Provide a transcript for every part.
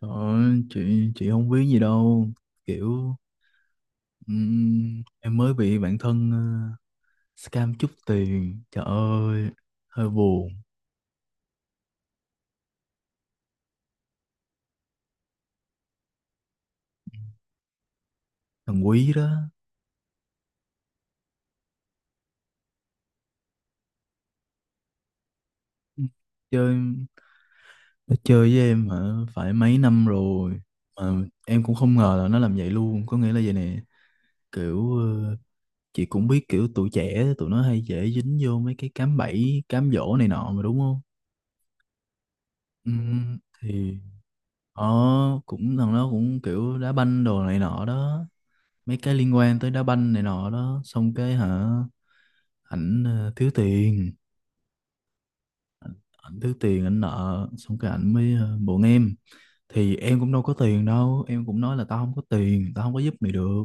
Trời ơi, chị không biết gì đâu, kiểu em mới bị bạn thân scam chút tiền. Trời ơi, hơi buồn. Thằng Quý đó. Chơi, nó chơi với em hả? Phải mấy năm rồi mà em cũng không ngờ là nó làm vậy luôn. Có nghĩa là vậy nè, kiểu chị cũng biết kiểu tụi trẻ tụi nó hay dễ dính vô mấy cái cám bẫy cám dỗ này nọ mà đúng không. Thì nó cũng thằng nó cũng kiểu đá banh đồ này nọ đó, mấy cái liên quan tới đá banh này nọ đó. Xong cái hả, ảnh thiếu tiền, ảnh thiếu tiền, ảnh nợ. Xong cái ảnh mới buồn em. Thì em cũng đâu có tiền đâu, em cũng nói là tao không có tiền, tao không có giúp mày được.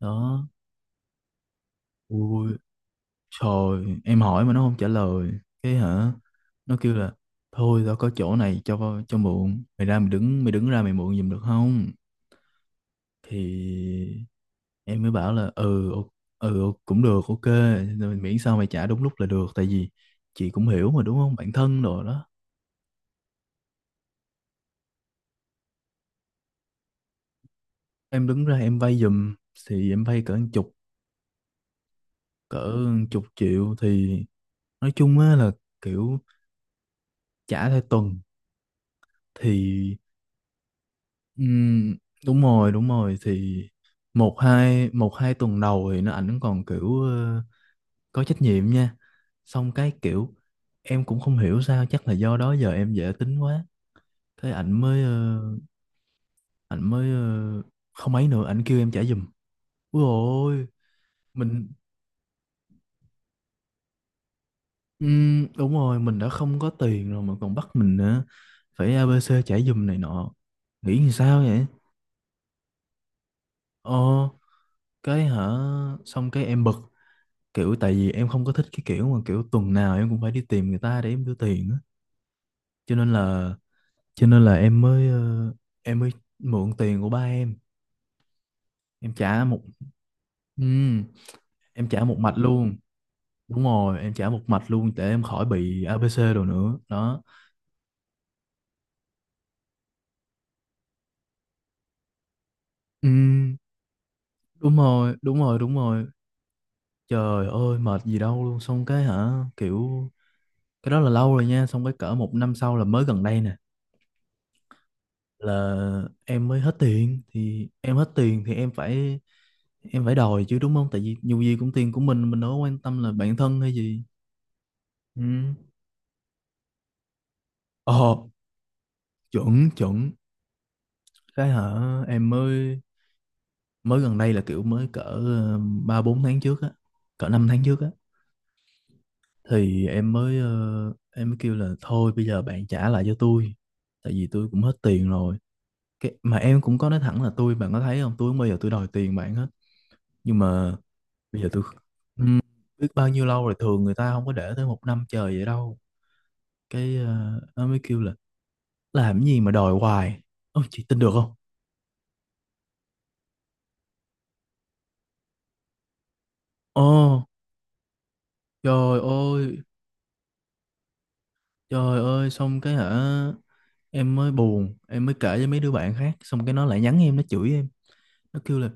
Đó, ui trời, em hỏi mà nó không trả lời. Cái hả, nó kêu là thôi tao có chỗ này cho mượn, mày ra mày đứng, mày đứng ra mày mượn giùm được không. Thì em mới bảo là cũng được, ok, rồi miễn sao mày trả đúng lúc là được. Tại vì chị cũng hiểu mà đúng không, bạn thân rồi đó. Em đứng ra em vay giùm, thì em vay cỡ một chục, cỡ một chục triệu. Thì nói chung á là, kiểu trả theo tuần. Thì ừm, đúng rồi, đúng rồi. Thì một hai, một hai tuần đầu thì ảnh còn kiểu có trách nhiệm nha. Xong cái kiểu em cũng không hiểu sao, chắc là do đó giờ em dễ tính quá, thế ảnh mới ảnh mới ờ, không ấy nữa, ảnh kêu em trả giùm. Ui ôi, mình đúng rồi, mình đã không có tiền rồi mà còn bắt mình nữa, phải ABC trả giùm này nọ, nghĩ làm sao vậy. Ờ, cái hả, xong cái em bực, kiểu tại vì em không có thích cái kiểu mà kiểu tuần nào em cũng phải đi tìm người ta để em đưa tiền á. Cho nên là, cho nên là em mới em mới mượn tiền của ba em. Em trả một, ừm, em trả một mạch luôn. Đúng rồi, em trả một mạch luôn để em khỏi bị ABC đồ nữa đó. Ừ, đúng rồi, đúng rồi, đúng rồi. Trời ơi mệt gì đâu luôn. Xong cái hả, kiểu cái đó là lâu rồi nha. Xong cái cỡ một năm sau là mới gần đây nè, là em mới hết tiền. Thì em hết tiền thì em phải, em phải đòi chứ đúng không, tại vì dù gì cũng tiền của mình đâu có quan tâm là bản thân hay gì. Ừ. Ờ, chuẩn chuẩn. Cái hả, em mới, mới gần đây là kiểu mới cỡ ba bốn tháng trước á, cỡ năm tháng trước á. Thì em mới em mới kêu là thôi bây giờ bạn trả lại cho tôi, tại vì tôi cũng hết tiền rồi. Cái mà em cũng có nói thẳng là tôi, bạn có thấy không, tôi không bao giờ tôi đòi tiền bạn hết, nhưng mà bây giờ tôi ừm, biết bao nhiêu lâu rồi, thường người ta không có để tới một năm trời vậy đâu. Cái nó mới kêu là làm gì mà đòi hoài. Ôi chị tin được không. Ồ, trời ơi, trời ơi. Xong cái hả, em mới buồn, em mới kể với mấy đứa bạn khác. Xong cái nó lại nhắn em, nó chửi em, nó kêu là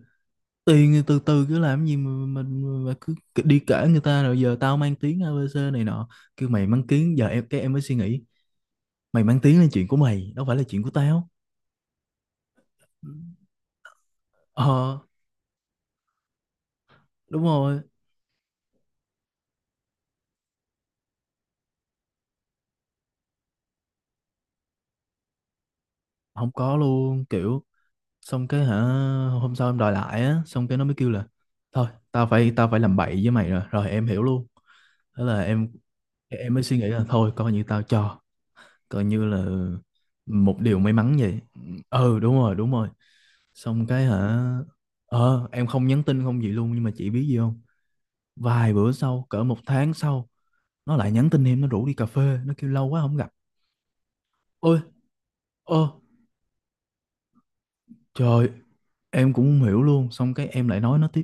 tiền từ từ, cứ làm gì mà mình mà cứ đi kể người ta rồi giờ tao mang tiếng ABC này nọ, kêu mày mang tiếng. Giờ em, cái em mới suy nghĩ, mày mang tiếng là chuyện của mày, đâu phải là chuyện của tao. Ờ, đúng rồi. Không có luôn, kiểu xong cái hả, hôm sau em đòi lại á, xong cái nó mới kêu là thôi tao phải làm bậy với mày rồi. Rồi em hiểu luôn, thế là em mới suy nghĩ là thôi coi như tao cho, coi như là một điều may mắn vậy. Ừ đúng rồi, đúng rồi. Xong cái hả, ờ em không nhắn tin, không gì luôn. Nhưng mà chị biết gì không, vài bữa sau, cỡ một tháng sau nó lại nhắn tin em, nó rủ đi cà phê, nó kêu lâu quá không gặp. Ôi, ơ trời, em cũng không hiểu luôn. Xong cái em lại nói nó tiếp,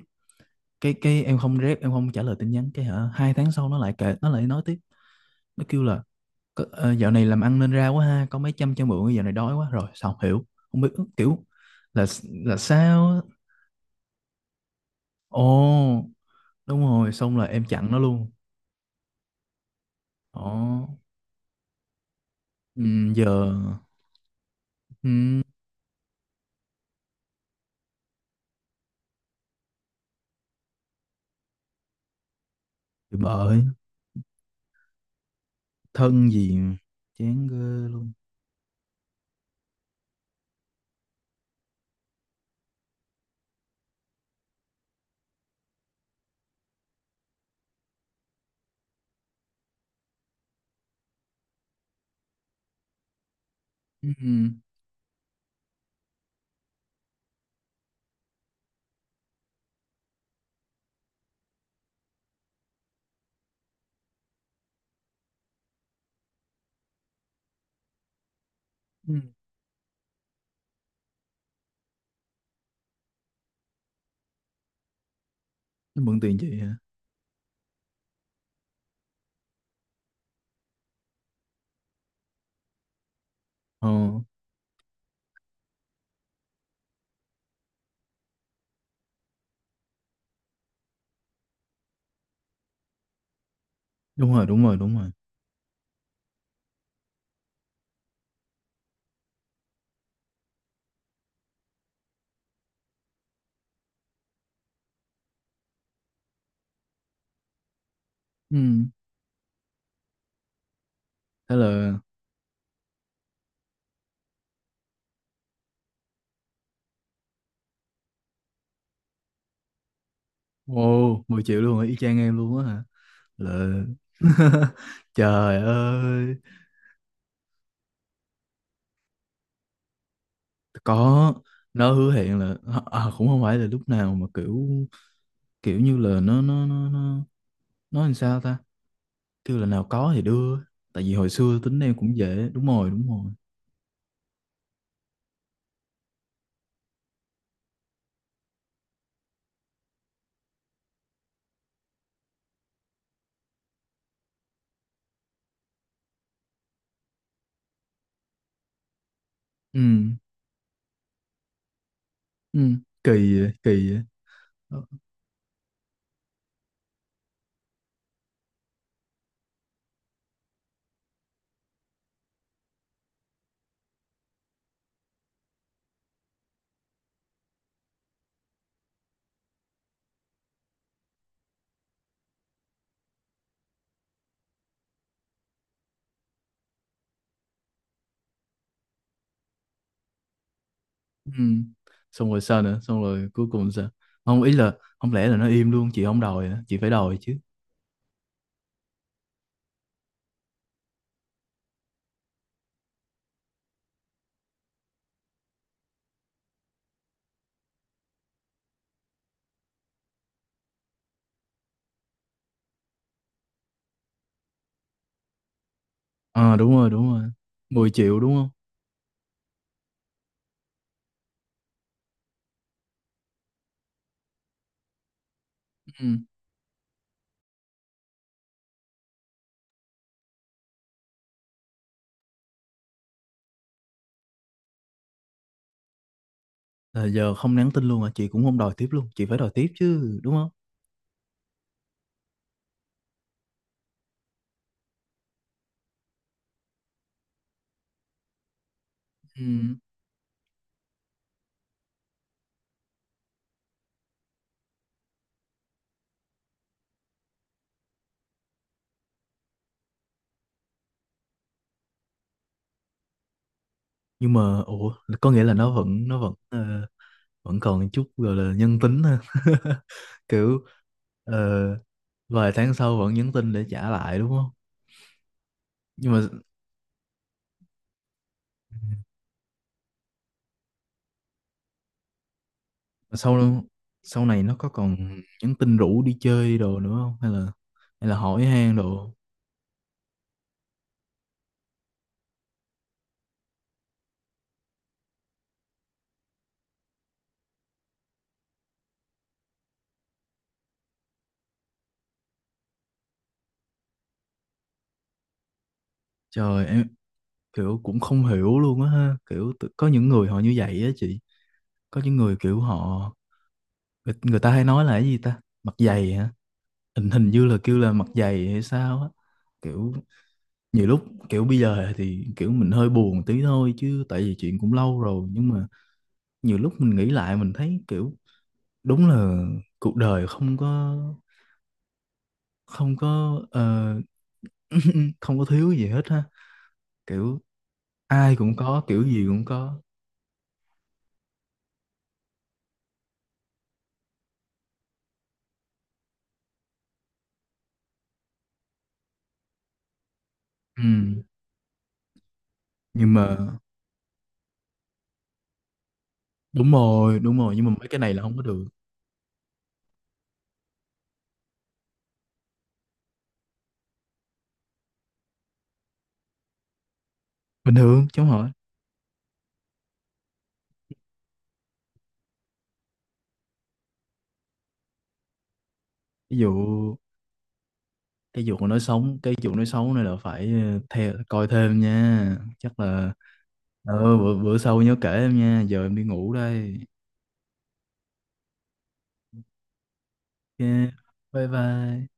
cái em không rep, em không trả lời tin nhắn. Cái hả, hai tháng sau nó lại kệ, nó lại nói tiếp. Nó kêu là "Có- dạo này làm ăn nên ra quá ha, có mấy trăm cho mượn, dạo này đói quá rồi". Xong hiểu không biết, kiểu là là sao. Ồ, đúng rồi, xong là em chặn nó luôn. Đó. Ừ, giờ. Ừ, thì bởi, thân gì mà, chán ghê luôn. Ừ, ừ, ừ, nó mượn tiền chị hả? Ờ, đúng rồi, đúng rồi, đúng rồi. Ừ, thế là. Ồ, mười triệu luôn hả? Y chang em luôn á hả? Là trời ơi, có. Nó hứa hẹn là à, à, cũng không phải là lúc nào mà kiểu, kiểu như là nó nó làm sao ta? Kêu là nào có thì đưa, tại vì hồi xưa tính em cũng dễ. Đúng rồi, đúng rồi. Ừ. Ừ, kỳ vậy, kỳ vậy. Ờ, ừ, xong rồi sao nữa, xong rồi cuối cùng sao? Không, ý là không lẽ là nó im luôn chị không đòi hả? Chị phải đòi chứ. Ờ, đúng rồi, đúng rồi, 10 triệu đúng không. Ừ, là giờ không nhắn tin luôn à, chị cũng không đòi tiếp luôn, chị phải đòi tiếp chứ đúng không. Ừ, nhưng mà ủa, có nghĩa là nó vẫn vẫn còn chút gọi là nhân tính ha kiểu ờ, vài tháng sau vẫn nhắn tin để trả lại đúng không. Nhưng mà sau, sau này nó có còn nhắn tin rủ đi chơi đồ nữa không, hay là, hay là hỏi han đồ? Trời em, kiểu cũng không hiểu luôn á ha, kiểu có những người họ như vậy á chị. Có những người kiểu họ, người, người ta hay nói là cái gì ta, mặt dày hả? Hình, hình như là kêu là mặt dày hay sao á, kiểu nhiều lúc kiểu bây giờ thì kiểu mình hơi buồn tí thôi chứ tại vì chuyện cũng lâu rồi, nhưng mà nhiều lúc mình nghĩ lại mình thấy kiểu đúng là cuộc đời không có, không có không có thiếu gì hết ha, kiểu ai cũng có, kiểu gì cũng có. Ừ. Nhưng mà đúng rồi, đúng rồi, nhưng mà mấy cái này là không có được. Bình thường chứ không hỏi. Ví dụ cái vụ nói xấu, cái vụ nói xấu này là phải theo coi thêm nha, chắc là bữa, bữa sau nhớ kể em nha, giờ em đi ngủ đây. Ok, bye bye.